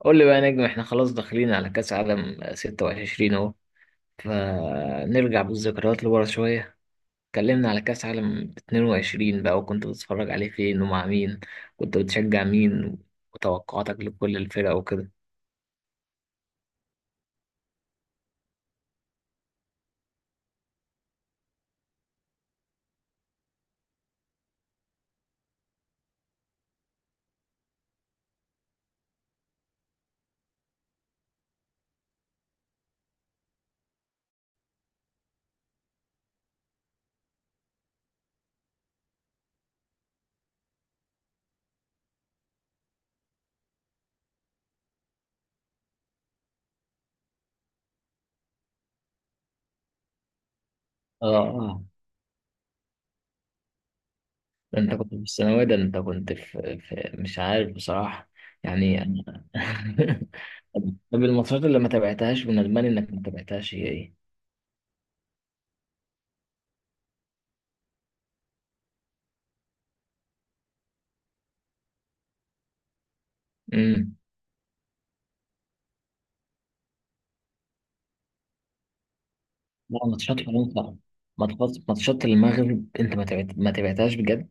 قول لي بقى يا نجم، احنا خلاص داخلين على كأس عالم 26 اهو. فنرجع بالذكريات لورا شوية. اتكلمنا على كأس عالم 22 بقى، وكنت بتتفرج عليه فين ومع مين؟ كنت بتشجع مين؟ وتوقعاتك لكل الفرق وكده. اه، اه. ده انت كنت في الثانوية، ده انت كنت في مش عارف بصراحة. يعني انا. طب الماتشات اللي ما تابعتهاش من الماني انك ما تابعتهاش هي ايه؟ لا، ماتشات حرام طبعا. ماتشات المغرب، انت ما تبعتهاش بجد؟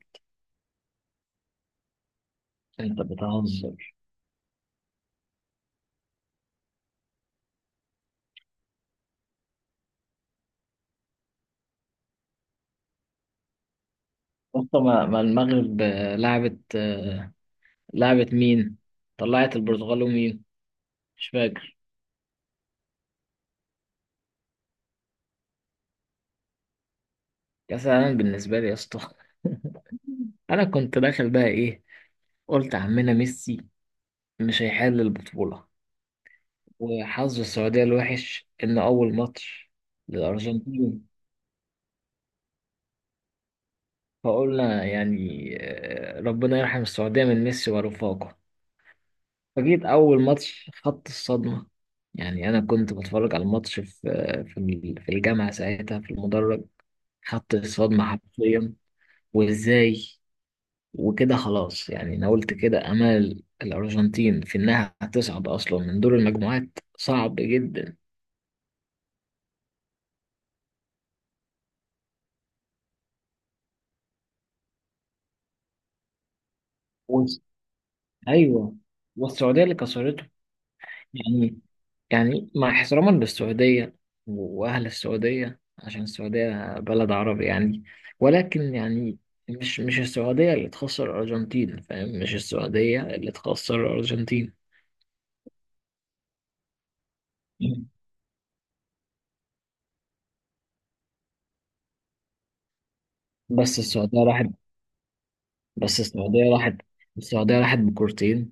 انت بتهزر. اصلا ما, ما المغرب لعبت، لعبت مين؟ طلعت البرتغال ومين؟ مش فاكر. كاس العالم بالنسبه لي يا اسطى، انا كنت داخل بقى ايه، قلت عمنا ميسي مش هيحل البطوله. وحظ السعوديه الوحش ان اول ماتش للارجنتين. فقلنا يعني، ربنا يرحم السعوديه من ميسي ورفاقه. فجيت أول ماتش خدت الصدمة. يعني أنا كنت بتفرج على الماتش في في الجامعة ساعتها في المدرج. خدت الصدمة حرفيا، وإزاي، وكده خلاص. يعني أنا قلت كده أمل الأرجنتين في إنها هتصعد أصلا من دور المجموعات صعب جدا. وس- أيوه، والسعودية اللي كسرته. يعني، يعني مع احتراما للسعودية وأهل السعودية، عشان السعودية بلد عربي يعني، ولكن يعني مش السعودية اللي تخسر الأرجنتين، فاهم؟ مش السعودية اللي تخسر الأرجنتين. بس السعودية راحت، بس السعودية راحت، السعودية راحت بكورتين.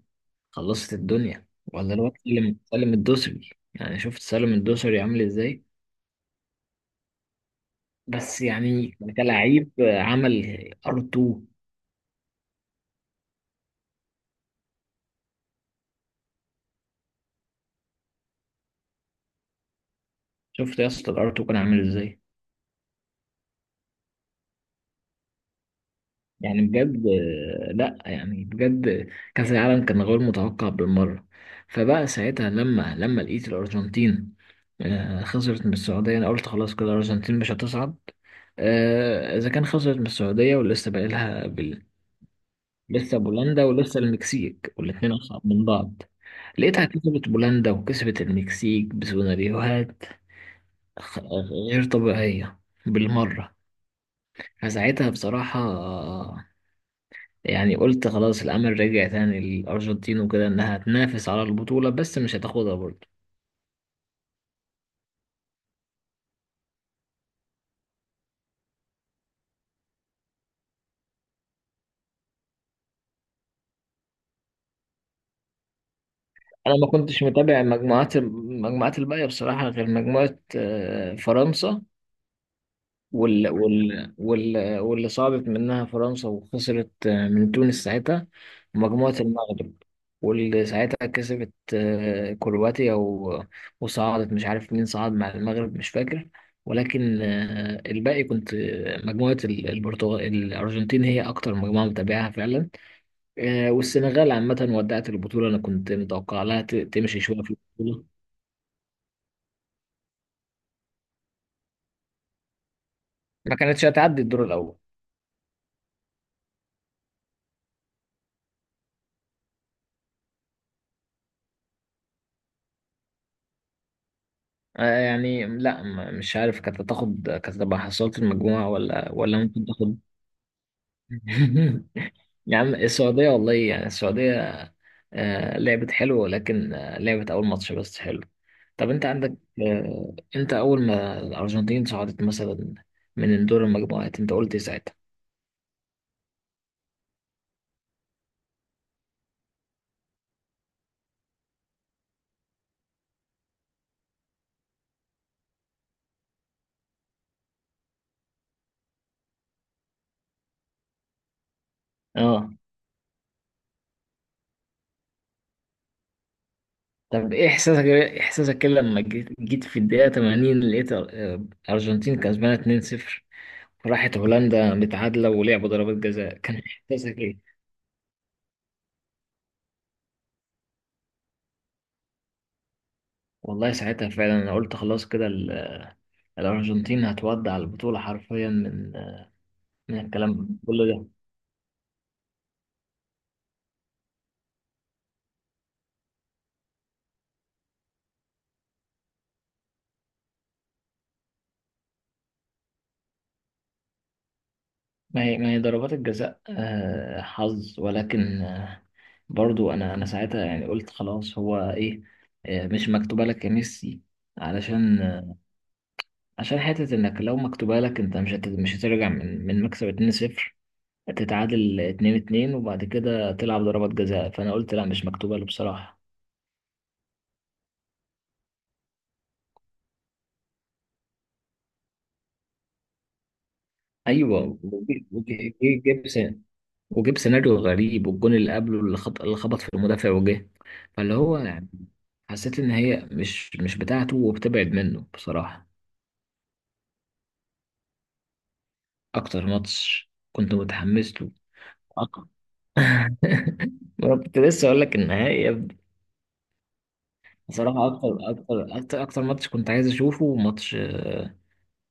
خلصت الدنيا ولا الواد سالم، سالم الدوسري؟ يعني شفت سالم الدوسري عامل ازاي؟ بس يعني كلاعب عمل ار 2. شفت يا اسطى الار 2 كان عامل ازاي؟ يعني بجد، لا يعني بجد كأس العالم كان غير متوقع بالمرة. فبقى ساعتها لما لقيت الأرجنتين خسرت من السعودية، أنا قلت خلاص كده الأرجنتين مش هتصعد. إذا كان خسرت من السعودية ولسه باقي لها لسه بولندا ولسه المكسيك، والاتنين أصعب من بعض. لقيتها كسبت بولندا وكسبت المكسيك بسيناريوهات خ- غير طبيعية بالمرة. فساعتها بصراحة يعني قلت خلاص الأمل رجع تاني للأرجنتين وكده، إنها تنافس على البطولة، بس مش هتاخدها برضه. أنا ما كنتش متابع المجموعات، الباقية بصراحة، غير مجموعة فرنسا، واللي صعدت منها فرنسا وخسرت من تونس ساعتها، مجموعة المغرب واللي ساعتها كسبت كرواتيا وصعدت، مش عارف مين صعد مع المغرب، مش فاكر. ولكن الباقي كنت مجموعة البرتغال الأرجنتين هي أكتر مجموعة متابعها فعلا. والسنغال عامة ودعت البطولة. أنا كنت متوقع لها تمشي شوية في البطولة. ما كانتش هتعدي الدور الأول. يعني لا مش عارف، كانت هتاخد، كانت هتبقى حصلت المجموعة، ولا ممكن تاخد. يا عم السعودية، والله يعني السعودية لعبت حلو، ولكن لعبت أول ماتش بس حلو. طب أنت عندك، أنت أول ما الأرجنتين صعدت مثلا من دور المجموعات، أنت قلت إيه ساعتها؟ اه. طب إيه إحساسك، إيه إحساسك كده لما جيت في الدقيقة 80 لقيت الأرجنتين كسبانة 2-0، راحت هولندا متعادلة ولعبوا ضربات جزاء، كان إحساسك إيه؟ والله ساعتها فعلا أنا قلت خلاص كده الأرجنتين هتودع البطولة حرفيا من الكلام كله ده. ما هي، ضربات الجزاء حظ، ولكن برضو أنا ساعتها يعني قلت خلاص، هو إيه مش مكتوبة لك يا ميسي، علشان عشان حتة، إنك لو مكتوبة لك أنت مش هترجع من مكسب 2-0 تتعادل اتنين اتنين وبعد كده تلعب ضربات جزاء. فأنا قلت لا، مش مكتوبة له بصراحة. أيوه، جيب س- وجيب سيناريو غريب، والجون اللي قبله اللي خبط، في المدافع وجه، فاللي هو يعني حسيت إن هي مش بتاعته وبتبعد منه بصراحة. أكتر ماتش كنت متحمس له؟ أكتر. أنا كنت لسه أقول لك النهائي يا ابني. بصراحة أكتر ماتش كنت عايز أشوفه، ماتش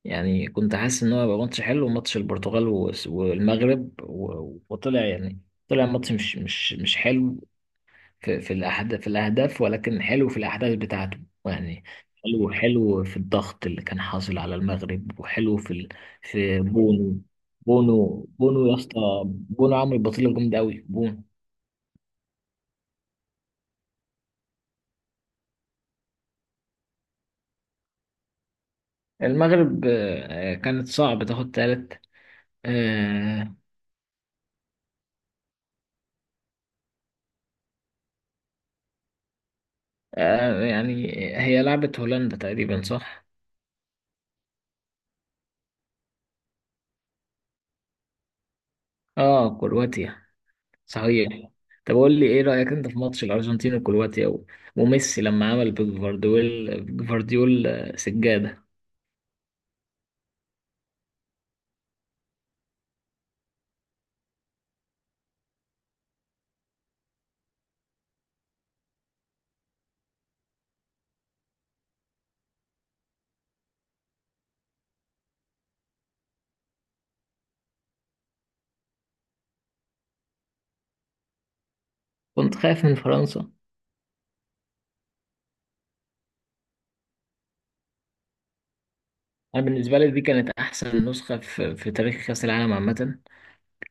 يعني كنت حاسس ان هو هيبقى ماتش حلو، ماتش البرتغال والمغرب وطلع يعني، طلع ماتش مش حلو، في الاهداف، ولكن حلو في الاحداث بتاعته. يعني حلو في الضغط اللي كان حاصل على المغرب، وحلو في بونو. بونو يا اسطى، بونو عامل بطيله جامده قوي بونو. المغرب كانت صعب تاخد تالت. آه، يعني هي لعبت هولندا تقريبا، صح؟ اه، كرواتيا، صحيح. طب قول لي ايه رأيك انت في ماتش الارجنتين وكرواتيا وميسي لما عمل بجفارديول، سجادة. كنت خايف من فرنسا. انا بالنسبة لي دي كانت احسن نسخة في تاريخ كأس العالم عامة،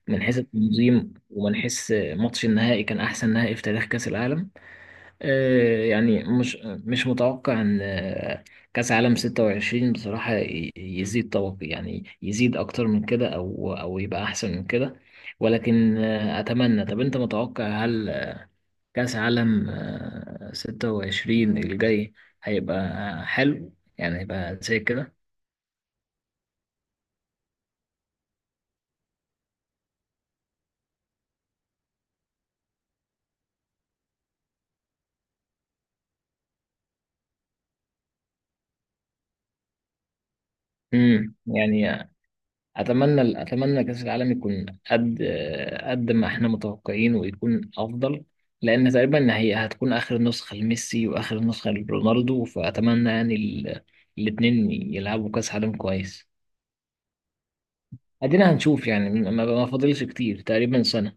من حيث التنظيم، ومن حيث ماتش النهائي كان احسن نهائي في تاريخ كأس العالم. يعني مش متوقع ان كاس عالم 26 بصراحة يزيد طبق، يعني يزيد اكتر من كده، او يبقى احسن من كده. ولكن اتمنى. طب انت متوقع، هل كاس عالم 26 الجاي هيبقى حلو؟ يعني هيبقى زي كده. يعني اتمنى، كاس العالم يكون قد، قد ما احنا متوقعين، ويكون افضل، لان تقريبا هي هتكون اخر نسخه لميسي واخر نسخه لرونالدو. فاتمنى يعني الاتنين يلعبوا كاس عالم كويس. ادينا هنشوف يعني، ما فاضلش كتير، تقريبا سنه.